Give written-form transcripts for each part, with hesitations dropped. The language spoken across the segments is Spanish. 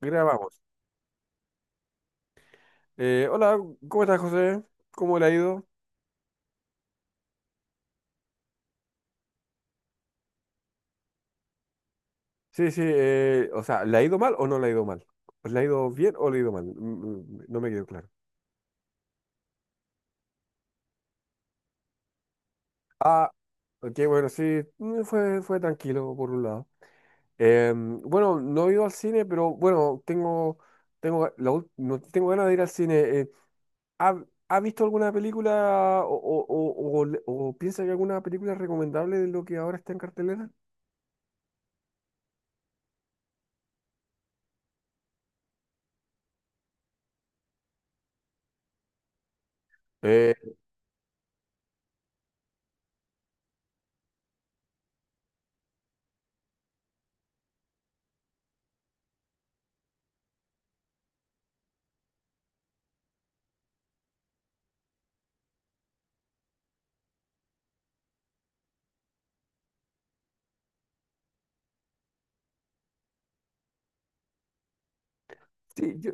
Grabamos. Hola, ¿cómo estás, José? ¿Cómo le ha ido? Sí, sí, o sea, ¿le ha ido mal o no le ha ido mal? ¿Le ha ido bien o le ha ido mal? No me quedó claro. Ah, ok, bueno, sí, fue tranquilo por un lado. Bueno, no he ido al cine, pero bueno, no, tengo ganas de ir al cine. ¿Ha, ha visto alguna película o piensa que alguna película es recomendable de lo que ahora está en cartelera? Eh, sí, yo,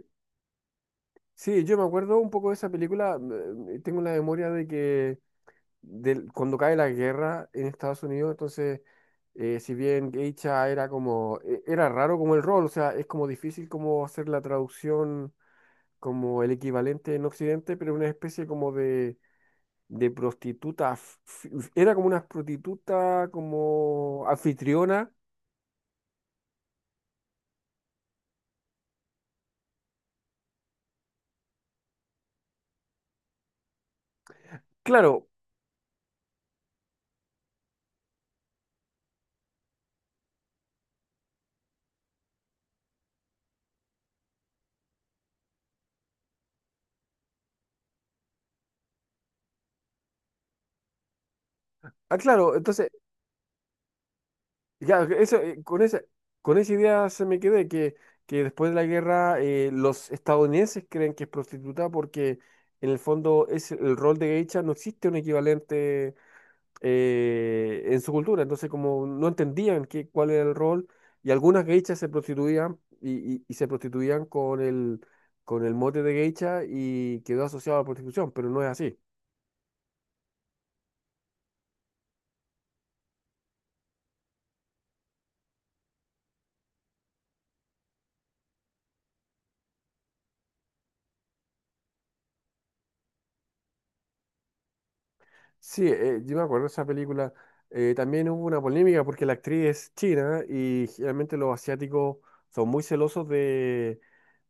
Sí, yo me acuerdo un poco de esa película. Tengo la memoria de que cuando cae la guerra en Estados Unidos. Entonces, si bien Geisha era era raro como el rol, o sea, es como difícil como hacer la traducción como el equivalente en Occidente, pero una especie como de prostituta, era como una prostituta como anfitriona. Claro. Ah, claro, entonces... Ya, ok, eso, con esa idea se me quedé que después de la guerra los estadounidenses creen que es prostituta porque en el fondo es el rol de geisha. No existe un equivalente en su cultura, entonces como no entendían qué, cuál era el rol, y algunas geishas se prostituían, y se prostituían con el mote de geisha, y quedó asociado a la prostitución, pero no es así. Sí, yo me acuerdo de esa película. También hubo una polémica porque la actriz es china y generalmente los asiáticos son muy celosos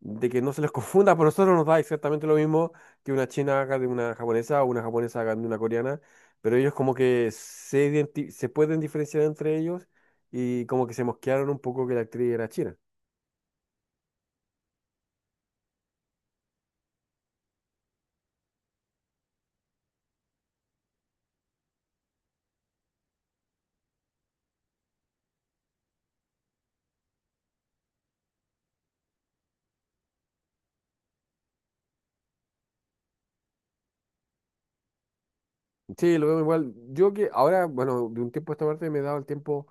de que no se les confunda. Por nosotros nos da exactamente lo mismo que una china haga de una japonesa o una japonesa haga de una coreana, pero ellos como que se, se pueden diferenciar entre ellos, y como que se mosquearon un poco que la actriz era china. Sí, lo veo igual. Yo que ahora, bueno, de un tiempo a esta parte me he dado el tiempo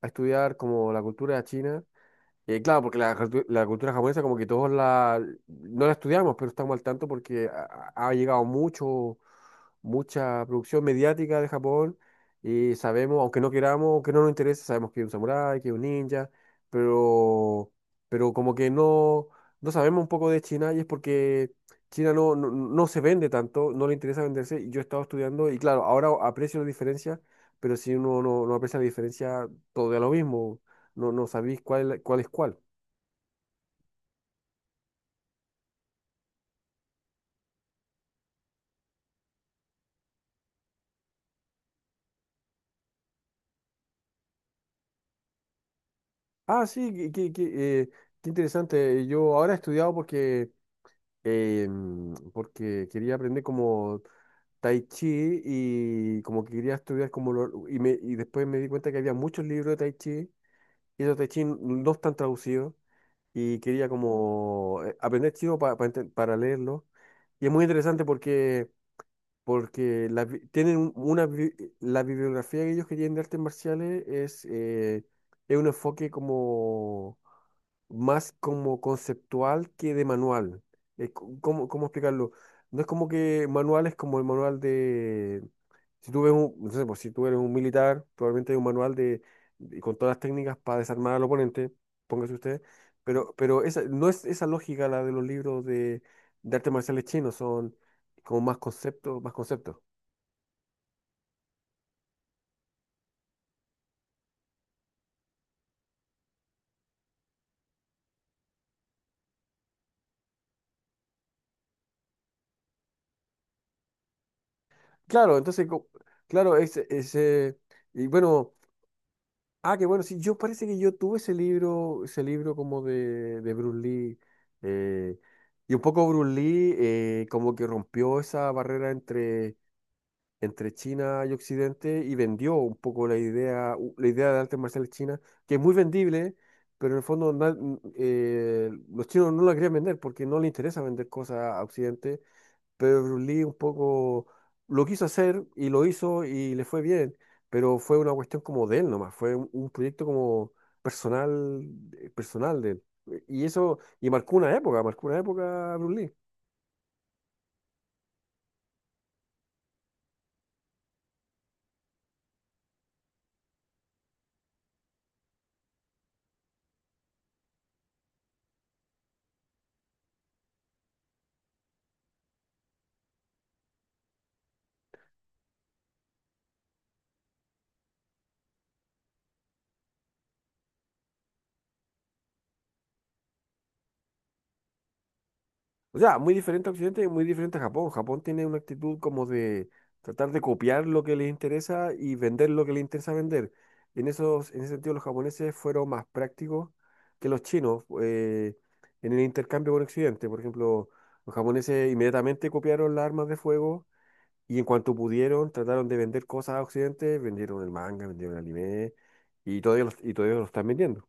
a estudiar como la cultura china. Claro, porque la, la cultura japonesa como que todos la, no la estudiamos, pero estamos al tanto porque ha llegado mucho, mucha producción mediática de Japón, y sabemos, aunque no queramos, aunque no nos interese, sabemos que es un samurái, que es un ninja, pero, pero como que no, no sabemos un poco de China. Y es porque China no, no, no se vende tanto, no le interesa venderse. Y yo he estado estudiando y claro, ahora aprecio la diferencia, pero si uno no, no aprecia la diferencia, todo da lo mismo, no, no sabéis cuál, cuál es cuál. Ah, sí, qué, qué interesante. Yo ahora he estudiado porque, porque quería aprender como Tai Chi y como que quería estudiar como y después me di cuenta que había muchos libros de Tai Chi, y esos Tai Chi no están traducidos, y quería como aprender chino para leerlo. Y es muy interesante porque, porque la tienen la bibliografía que ellos querían de artes marciales es un enfoque como más como conceptual que de manual. ¿Cómo, cómo explicarlo? No es como que manual, es como el manual de... Si tú ves un, no sé, pues, si tú eres un militar, probablemente hay un manual de, con todas las técnicas para desarmar al oponente, póngase usted, pero esa, no es esa lógica, la de los libros de artes marciales chinos, son como más conceptos, más conceptos. Claro, entonces, claro, ese, y bueno, ah, que bueno, sí, yo parece que yo tuve ese libro como de Bruce Lee. eh, y un poco Bruce Lee como que rompió esa barrera entre, entre China y Occidente, y vendió un poco la idea, la idea de artes marciales chinas, que es muy vendible, pero en el fondo los chinos no la querían vender porque no les interesa vender cosas a Occidente, pero Bruce Lee un poco lo quiso hacer y lo hizo y le fue bien, pero fue una cuestión como de él nomás, fue un proyecto como personal, personal de él. Y eso, y marcó una época Bruce Lee. O sea, muy diferente a Occidente y muy diferente a Japón. Japón tiene una actitud como de tratar de copiar lo que les interesa y vender lo que les interesa vender. En esos, en ese sentido, los japoneses fueron más prácticos que los chinos, en el intercambio con Occidente. Por ejemplo, los japoneses inmediatamente copiaron las armas de fuego, y en cuanto pudieron trataron de vender cosas a Occidente, vendieron el manga, vendieron el anime, y todavía lo están vendiendo.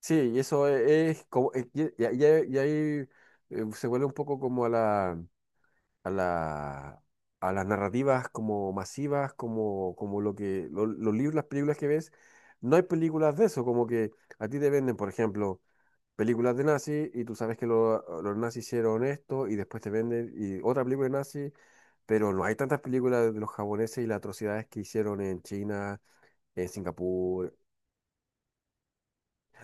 Sí, y eso e, es, como, y ahí, se vuelve un poco como a la, a la, a las narrativas como masivas, como, como lo que, los libros, las películas que ves, no hay películas de eso, como que a ti te venden, por ejemplo, películas de nazis, y tú sabes que los nazis hicieron esto, y después te venden y otra película de nazis, pero no hay tantas películas de los japoneses y las atrocidades que hicieron en China, en Singapur.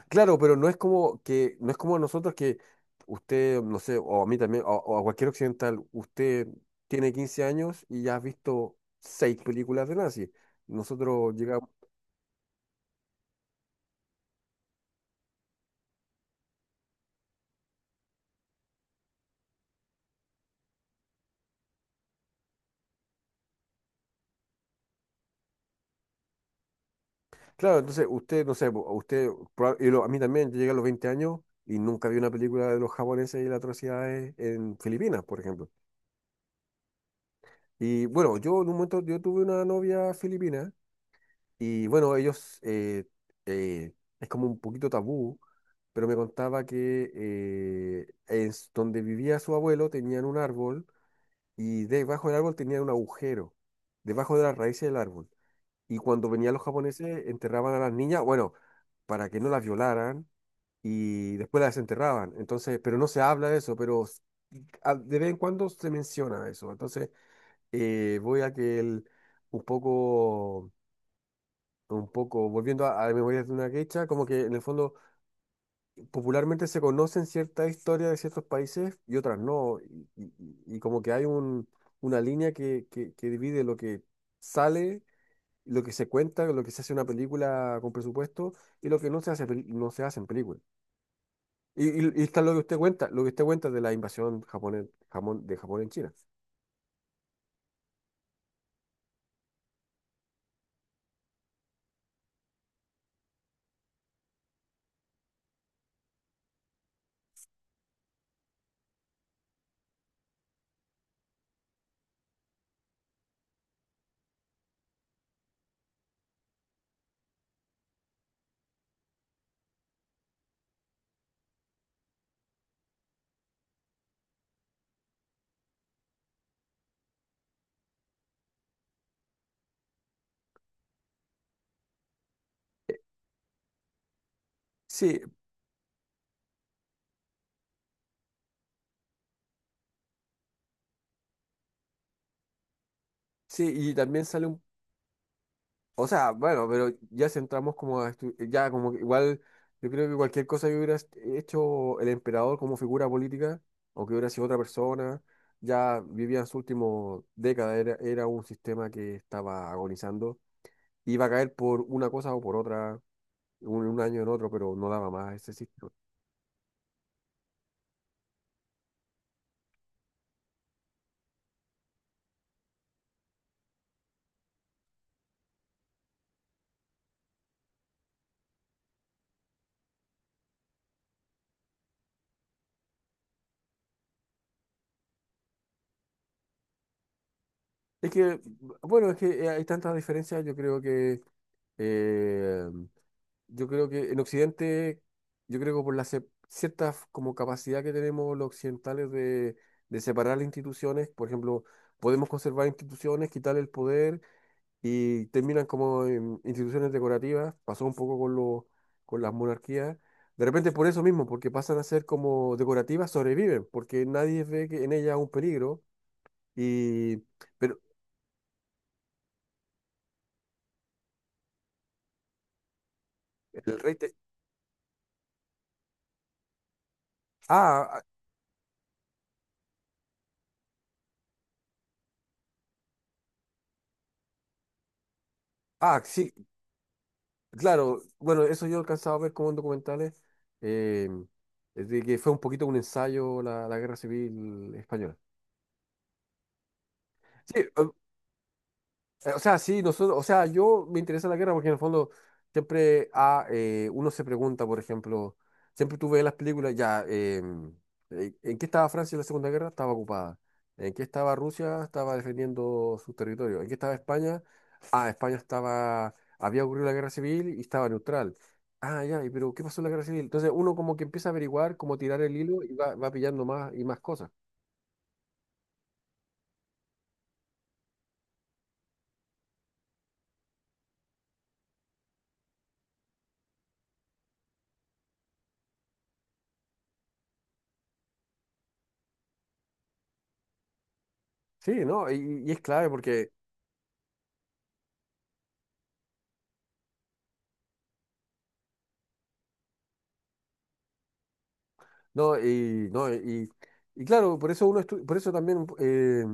Claro, pero no es como que, no es como nosotros, que usted, no sé, o a mí también, o a cualquier occidental, usted tiene 15 años y ya has visto seis películas de nazi. Nosotros llegamos, claro, entonces usted, no sé, po, usted, a mí también, yo llegué a los 20 años y nunca vi una película de los japoneses y las atrocidades en Filipinas, por ejemplo. Y bueno, yo en un momento, yo tuve una novia filipina, y bueno, ellos, eh, es como un poquito tabú, pero me contaba que en donde vivía su abuelo tenían un árbol, y debajo del árbol tenían un agujero, debajo de las raíces del árbol. Y cuando venían los japoneses enterraban a las niñas, bueno, para que no las violaran, y después las enterraban. Entonces, pero no se habla de eso, pero de vez en cuando se menciona eso. Entonces, voy a que el, un poco, un poco, volviendo a Memorias de una Geisha, como que en el fondo popularmente se conocen ciertas historias de ciertos países y otras no. Y como que hay un, una línea que divide lo que sale, lo que se cuenta, lo que se hace en una película con presupuesto, y lo que no se hace, no se hace en película. Y está lo que usted cuenta, lo que usted cuenta de la invasión japonés, jamón, de Japón en China. Eh, Sí, sí, y también sale un... O sea, bueno, pero ya centramos como a ya como que igual yo creo que cualquier cosa que hubiera hecho el emperador como figura política, o que hubiera sido otra persona, ya vivía en su último década, era, era un sistema que estaba agonizando, iba a caer por una cosa o por otra, un año en otro, pero no daba más ese sistema. Es que, bueno, es que hay tantas diferencias, yo creo que eh, yo creo que en Occidente, yo creo que por la cierta como capacidad que tenemos los occidentales de separar las instituciones, por ejemplo, podemos conservar instituciones, quitar el poder, y terminan como en instituciones decorativas. Pasó un poco con con las monarquías. De repente por eso mismo, porque pasan a ser como decorativas, sobreviven, porque nadie ve que en ellas un peligro. Y, pero el rey... ah, ah, ah, sí. Claro, bueno, eso yo he alcanzado a ver como en documentales, eh, es de que fue un poquito un ensayo la, la Guerra Civil Española. Sí, o sea, sí, nosotros, o sea, yo me interesa la guerra porque en el fondo siempre uno se pregunta, por ejemplo, siempre tú ves las películas, ya, ¿en qué estaba Francia en la Segunda Guerra? Estaba ocupada. ¿En qué estaba Rusia? Estaba defendiendo su territorio. ¿En qué estaba España? Ah, España estaba, había ocurrido la guerra civil y estaba neutral. Ah, ya, y pero ¿qué pasó en la guerra civil? Entonces uno como que empieza a averiguar, como tirar el hilo, y va, va pillando más y más cosas. Sí, ¿no? Y es clave porque no, y claro, por eso por eso también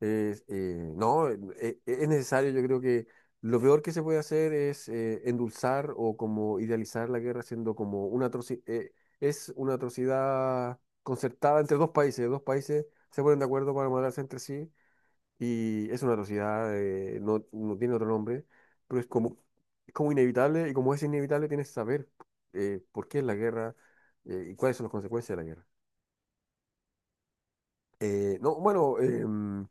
no, es necesario, yo creo que lo peor que se puede hacer es endulzar o como idealizar la guerra siendo como una es una atrocidad concertada entre dos países se ponen de acuerdo para matarse entre sí y es una atrocidad, no tiene otro nombre, pero es como inevitable y como es inevitable tienes que saber por qué es la guerra y cuáles son las consecuencias de la guerra. No, bueno, em,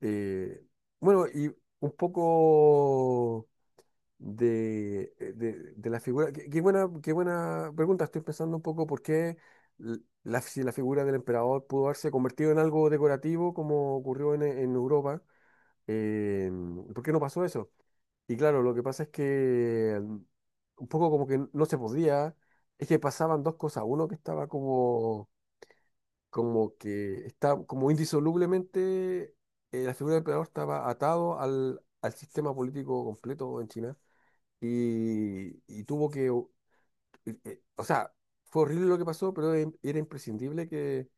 eh, bueno, y un poco de, de la figura. Qué buena pregunta. Estoy pensando un poco por qué l- la, si la figura del emperador pudo haberse convertido en algo decorativo como ocurrió en Europa. ¿Por qué no pasó eso? Y claro, lo que pasa es que un poco como que no se podía, es que pasaban dos cosas. Uno que estaba como como que está como indisolublemente la figura del emperador estaba atado al sistema político completo en China y tuvo que, o sea, fue horrible lo que pasó, pero era imprescindible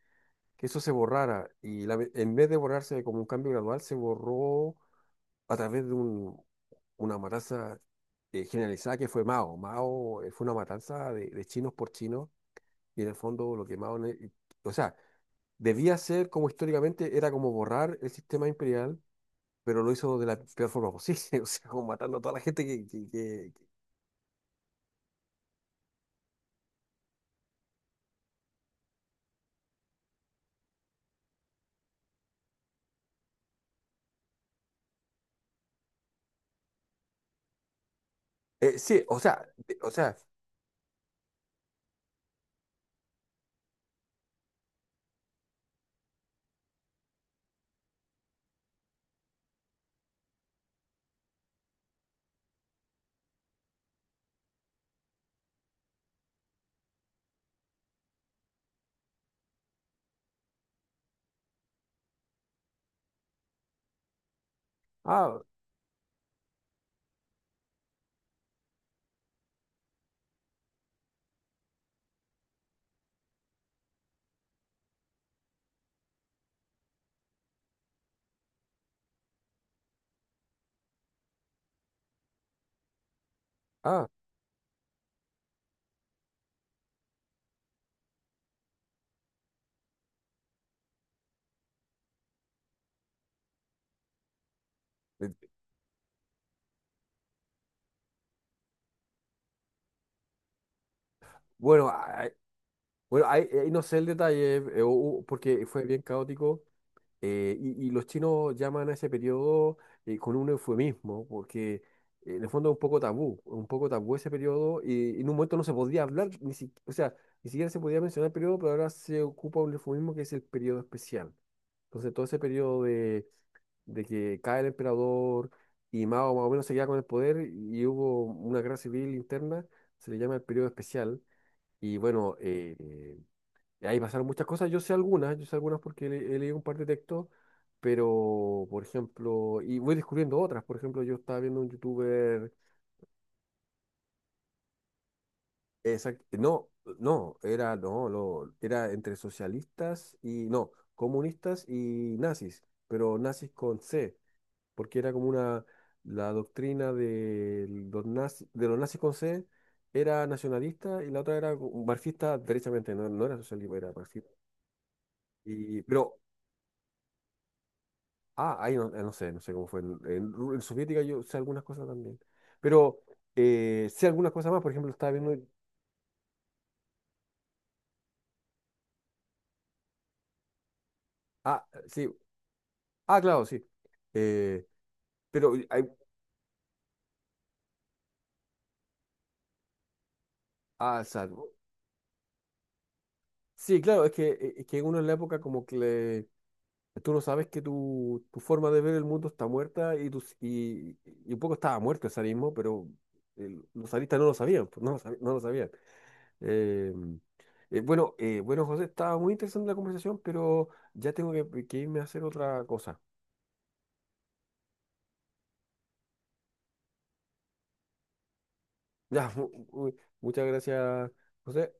que eso se borrara y en vez de borrarse como un cambio gradual, se borró a través de una matanza generalizada que fue Mao. Mao fue una matanza de chinos por chinos y en el fondo lo que o sea, debía ser como históricamente era como borrar el sistema imperial, pero lo hizo de la peor forma posible, o sea, como matando a toda la gente sí, o sea, o sea, ah, ah, eh, bueno, ah, bueno, ahí no sé el detalle, porque fue bien caótico. Y los chinos llaman a ese periodo con un eufemismo, porque en el fondo es un poco tabú ese periodo, y, en un momento no se podía hablar, ni si- o sea, ni siquiera se podía mencionar el periodo, pero ahora se ocupa un eufemismo que es el periodo especial. Entonces, todo ese periodo de que cae el emperador y Mao más o menos se queda con el poder y hubo una guerra civil interna, se le llama el periodo especial. Y bueno, y ahí pasaron muchas cosas, yo sé algunas he leído un par de textos, pero, por ejemplo, y voy descubriendo otras, por ejemplo, yo estaba viendo un youtuber. Exact- no, no, era, no, lo- era entre socialistas y, no, comunistas y nazis, pero nazis con C, porque la doctrina de los nazis con C era nacionalista y la otra era marxista derechamente, no, no era socialista, era marxista. Pero ahí no, no sé, no sé cómo fue. En soviética yo sé algunas cosas también. Pero sé algunas cosas más, por ejemplo, estaba viendo. Ah, sí. Ah, claro, sí. Eh, pero hay. Ah, salvo. Sí, claro, es que uno en la época tú no sabes que tu forma de ver el mundo está muerta y un poco estaba muerto el zarismo, pero los zaristas no lo sabían, pues, no lo sabían, no lo sabían. Eh, bueno, José, estaba muy interesante la conversación, pero ya tengo que irme a hacer otra cosa. Ya, muchas gracias, José.